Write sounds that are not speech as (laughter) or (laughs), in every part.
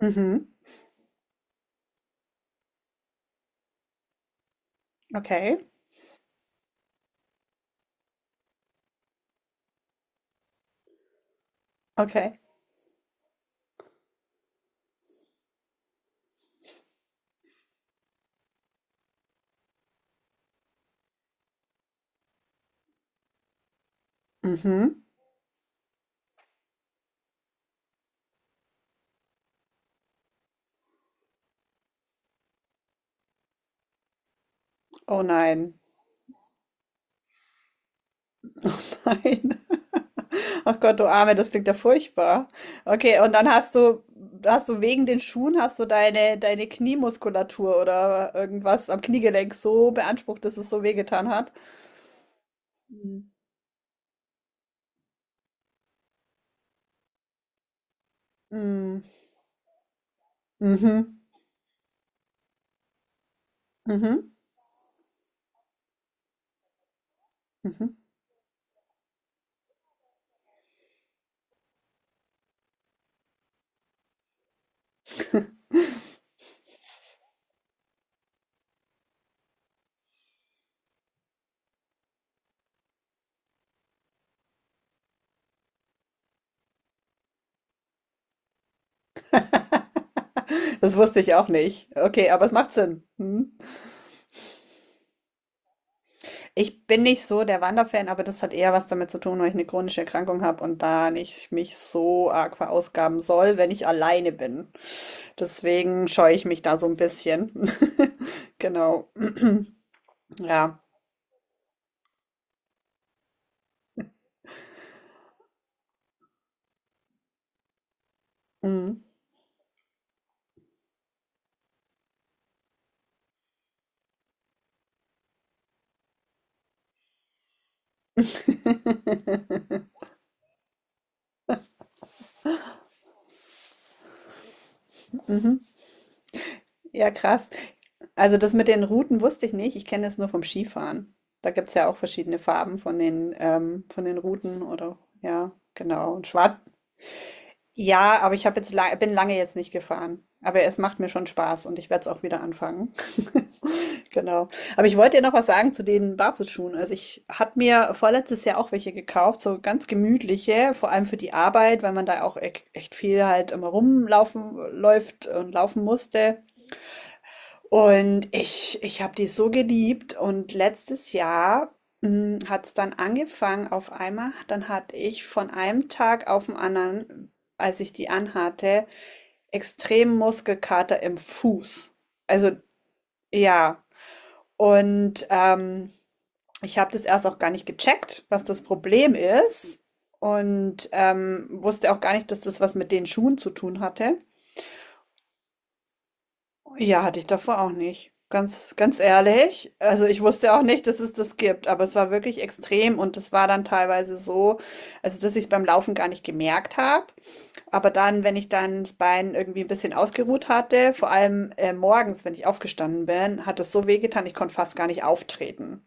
Mhm. Okay, okay. Mhm. Oh nein. (laughs) Oh nein. Ach Gott, du Arme, das klingt ja furchtbar. Okay, und dann hast du wegen den Schuhen, hast du deine Kniemuskulatur oder irgendwas am Kniegelenk so beansprucht, dass es so wehgetan hat. Mhm. Mhm. Mhm. Mhm. Das wusste ich auch nicht. Okay, aber es macht Sinn. Mhm. Ich bin nicht so der Wanderfan, aber das hat eher was damit zu tun, weil ich eine chronische Erkrankung habe und da nicht mich so arg verausgaben soll, wenn ich alleine bin. Deswegen scheue ich mich da so ein bisschen. (laughs) Genau. (clears throat) Ja. Mhm. Mhm. Ja, krass. Also das mit den Routen wusste ich nicht. Ich kenne es nur vom Skifahren. Da gibt es ja auch verschiedene Farben von den Routen oder ja, genau. Und schwarz. Ja, aber ich habe jetzt la bin lange jetzt nicht gefahren. Aber es macht mir schon Spaß und ich werde es auch wieder anfangen. (laughs) Genau. Aber ich wollte dir noch was sagen zu den Barfußschuhen. Also ich habe mir vorletztes Jahr auch welche gekauft, so ganz gemütliche, vor allem für die Arbeit, weil man da auch echt viel halt immer rumlaufen läuft und laufen musste. Und ich habe die so geliebt. Und letztes Jahr hat es dann angefangen auf einmal. Dann hatte ich von einem Tag auf den anderen, als ich die anhatte, extrem Muskelkater im Fuß. Also ja, und ich habe das erst auch gar nicht gecheckt, was das Problem ist. Und wusste auch gar nicht, dass das was mit den Schuhen zu tun hatte. Ja, hatte ich davor auch nicht. Ganz, ganz ehrlich. Also ich wusste auch nicht, dass es das gibt, aber es war wirklich extrem und das war dann teilweise so, also dass ich es beim Laufen gar nicht gemerkt habe. Aber dann, wenn ich dann das Bein irgendwie ein bisschen ausgeruht hatte, vor allem morgens, wenn ich aufgestanden bin, hat es so wehgetan, ich konnte fast gar nicht auftreten.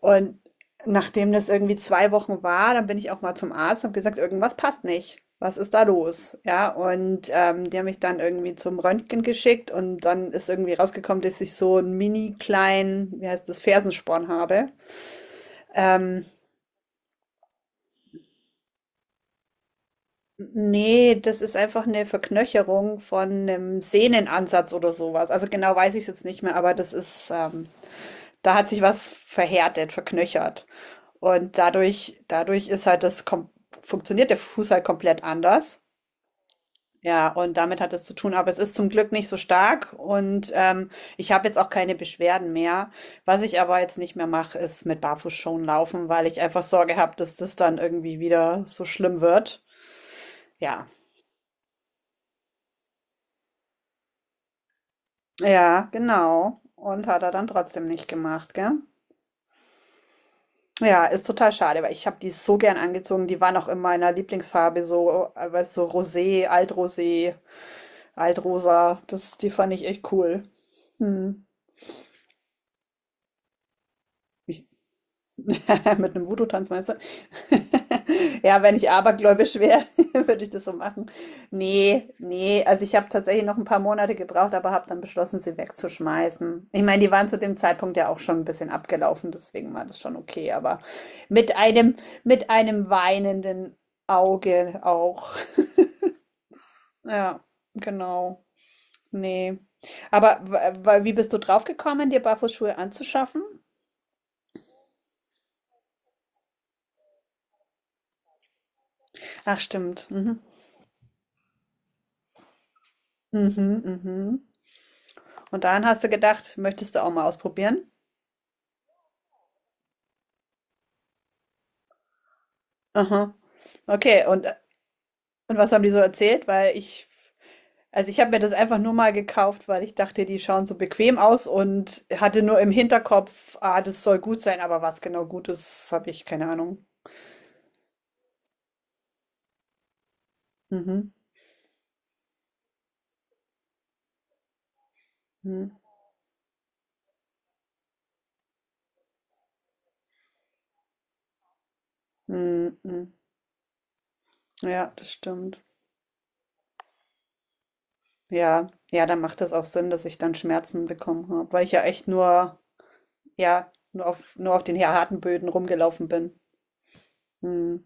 Und nachdem das irgendwie 2 Wochen war, dann bin ich auch mal zum Arzt und habe gesagt, irgendwas passt nicht. Was ist da los? Ja, und die haben mich dann irgendwie zum Röntgen geschickt und dann ist irgendwie rausgekommen, dass ich so einen mini kleinen, wie heißt das, Fersensporn habe. Ähm, Ne, das ist einfach eine Verknöcherung von einem Sehnenansatz oder sowas. Also, genau weiß ich's jetzt nicht mehr, aber da hat sich was verhärtet, verknöchert. Und dadurch ist halt das kom funktioniert der Fuß halt komplett anders. Ja, und damit hat es zu tun, aber es ist zum Glück nicht so stark und, ich habe jetzt auch keine Beschwerden mehr. Was ich aber jetzt nicht mehr mache, ist mit Barfußschuhen laufen, weil ich einfach Sorge habe, dass das dann irgendwie wieder so schlimm wird. Ja. Ja, genau. Und hat er dann trotzdem nicht gemacht, gell? Ja, ist total schade, weil ich habe die so gern angezogen. Die waren auch in meiner Lieblingsfarbe so, weißt du, Rosé, Altrosé, Altrosa. Die fand ich echt cool. Hm. (laughs) Mit einem Voodoo-Tanz meinst du? (laughs) Ja, wenn ich abergläubisch wäre, (laughs) würde ich das so machen. Ne, ne, also ich habe tatsächlich noch ein paar Monate gebraucht, aber habe dann beschlossen, sie wegzuschmeißen. Ich meine, die waren zu dem Zeitpunkt ja auch schon ein bisschen abgelaufen, deswegen war das schon okay, aber mit einem mit einem weinenden Auge auch. (laughs) Ja, genau. Ne. Aber w wa wie bist du drauf gekommen, dir Barfußschuhe anzuschaffen? Ach stimmt. Mhm. Mhm, mhm. Und dann hast du gedacht, möchtest du auch mal ausprobieren? Aha. Okay, und, was haben die so erzählt? Also ich habe mir das einfach nur mal gekauft, weil ich dachte, die schauen so bequem aus und hatte nur im Hinterkopf, ah, das soll gut sein, aber was genau gut ist, habe ich keine Ahnung. Mhm. Mhm. Mhm. Mhm. Ja, das stimmt. Ja, ja, dann macht das auch Sinn, dass ich dann Schmerzen bekommen habe, weil ich ja echt nur auf den harten Böden rumgelaufen bin. Mhm.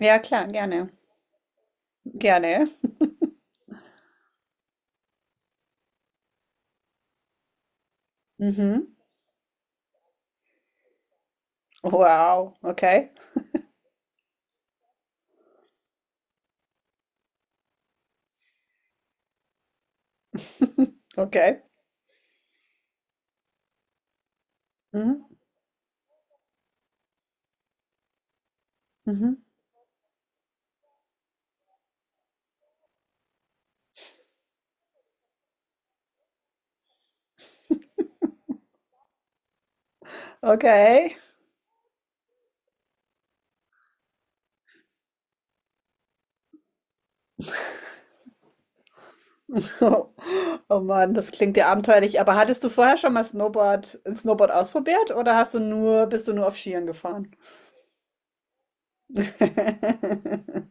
Ja, klar, gerne. Gerne. Mhm. Wow, okay, okay. Mhm. Mhm. Okay. (laughs) Oh, oh Mann, das klingt ja abenteuerlich. Aber hattest du vorher schon mal Snowboard ausprobiert oder bist du nur auf Skiern gefahren? (laughs)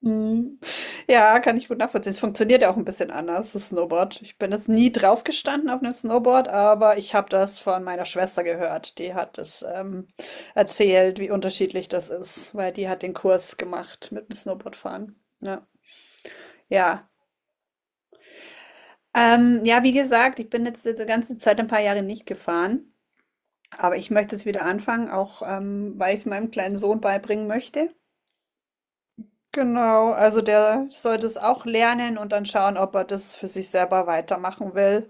Mhm. Ja, kann ich gut nachvollziehen. Es funktioniert ja auch ein bisschen anders, das Snowboard. Ich bin jetzt nie drauf gestanden auf einem Snowboard, aber ich habe das von meiner Schwester gehört. Die hat es erzählt, wie unterschiedlich das ist, weil die hat den Kurs gemacht mit dem Snowboardfahren. Ja. Ja. Ja, wie gesagt, ich bin jetzt die ganze Zeit ein paar Jahre nicht gefahren, aber ich möchte es wieder anfangen, auch weil ich es meinem kleinen Sohn beibringen möchte. Genau, also der sollte es auch lernen und dann schauen, ob er das für sich selber weitermachen will.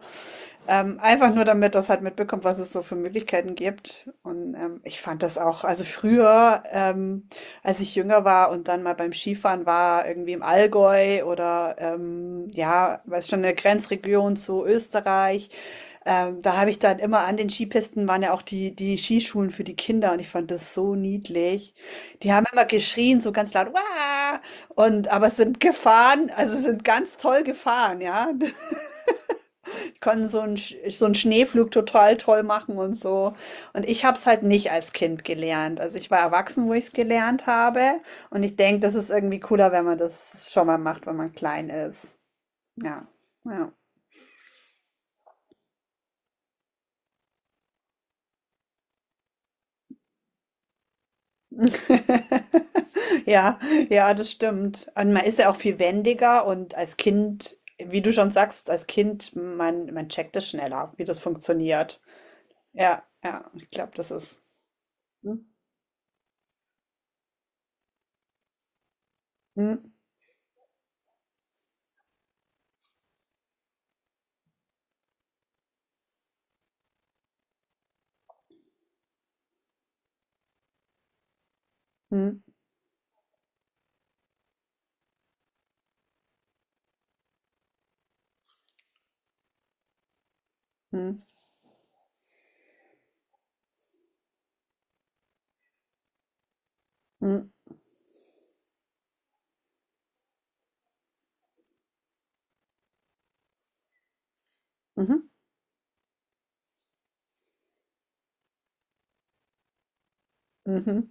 Einfach nur damit das halt mitbekommt, was es so für Möglichkeiten gibt. Und ich fand das auch, also früher, als ich jünger war und dann mal beim Skifahren war, irgendwie im Allgäu oder ja, weiß schon, eine Grenzregion zu Österreich. Da habe ich dann immer an den Skipisten waren ja auch die Skischulen für die Kinder und ich fand das so niedlich. Die haben immer geschrien, so ganz laut, Wah! Und aber sind gefahren, also sind ganz toll gefahren, ja. (laughs) Die konnten so einen Schneeflug total toll machen und so. Und ich habe es halt nicht als Kind gelernt. Also ich war erwachsen, wo ich es gelernt habe. Und ich denke, das ist irgendwie cooler, wenn man das schon mal macht, wenn man klein ist. Ja. Ja. (laughs) Ja, ja, das stimmt. Und man ist ja auch viel wendiger und als Kind, wie du schon sagst, als Kind, man checkt es schneller, wie das funktioniert. Ja, ja, ich glaube, das ist. Hm, hm, hm, hm, hm, mhm, mhm.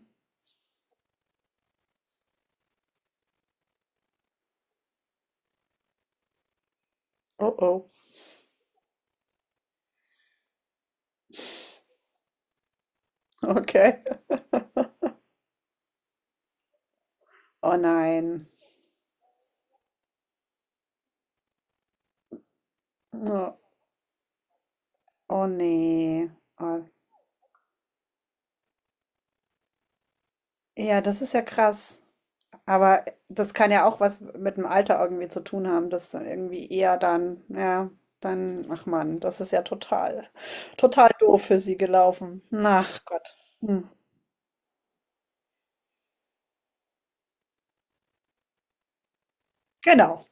Oh, oh, okay. (laughs) Oh nein. Oh, oh nee. Oh. Ja, das ist ja krass. Aber das kann ja auch was mit dem Alter irgendwie zu tun haben, dass dann irgendwie eher dann, ja, dann, ach Mann, das ist ja total, total doof für sie gelaufen. Ach Gott. Hm. Genau.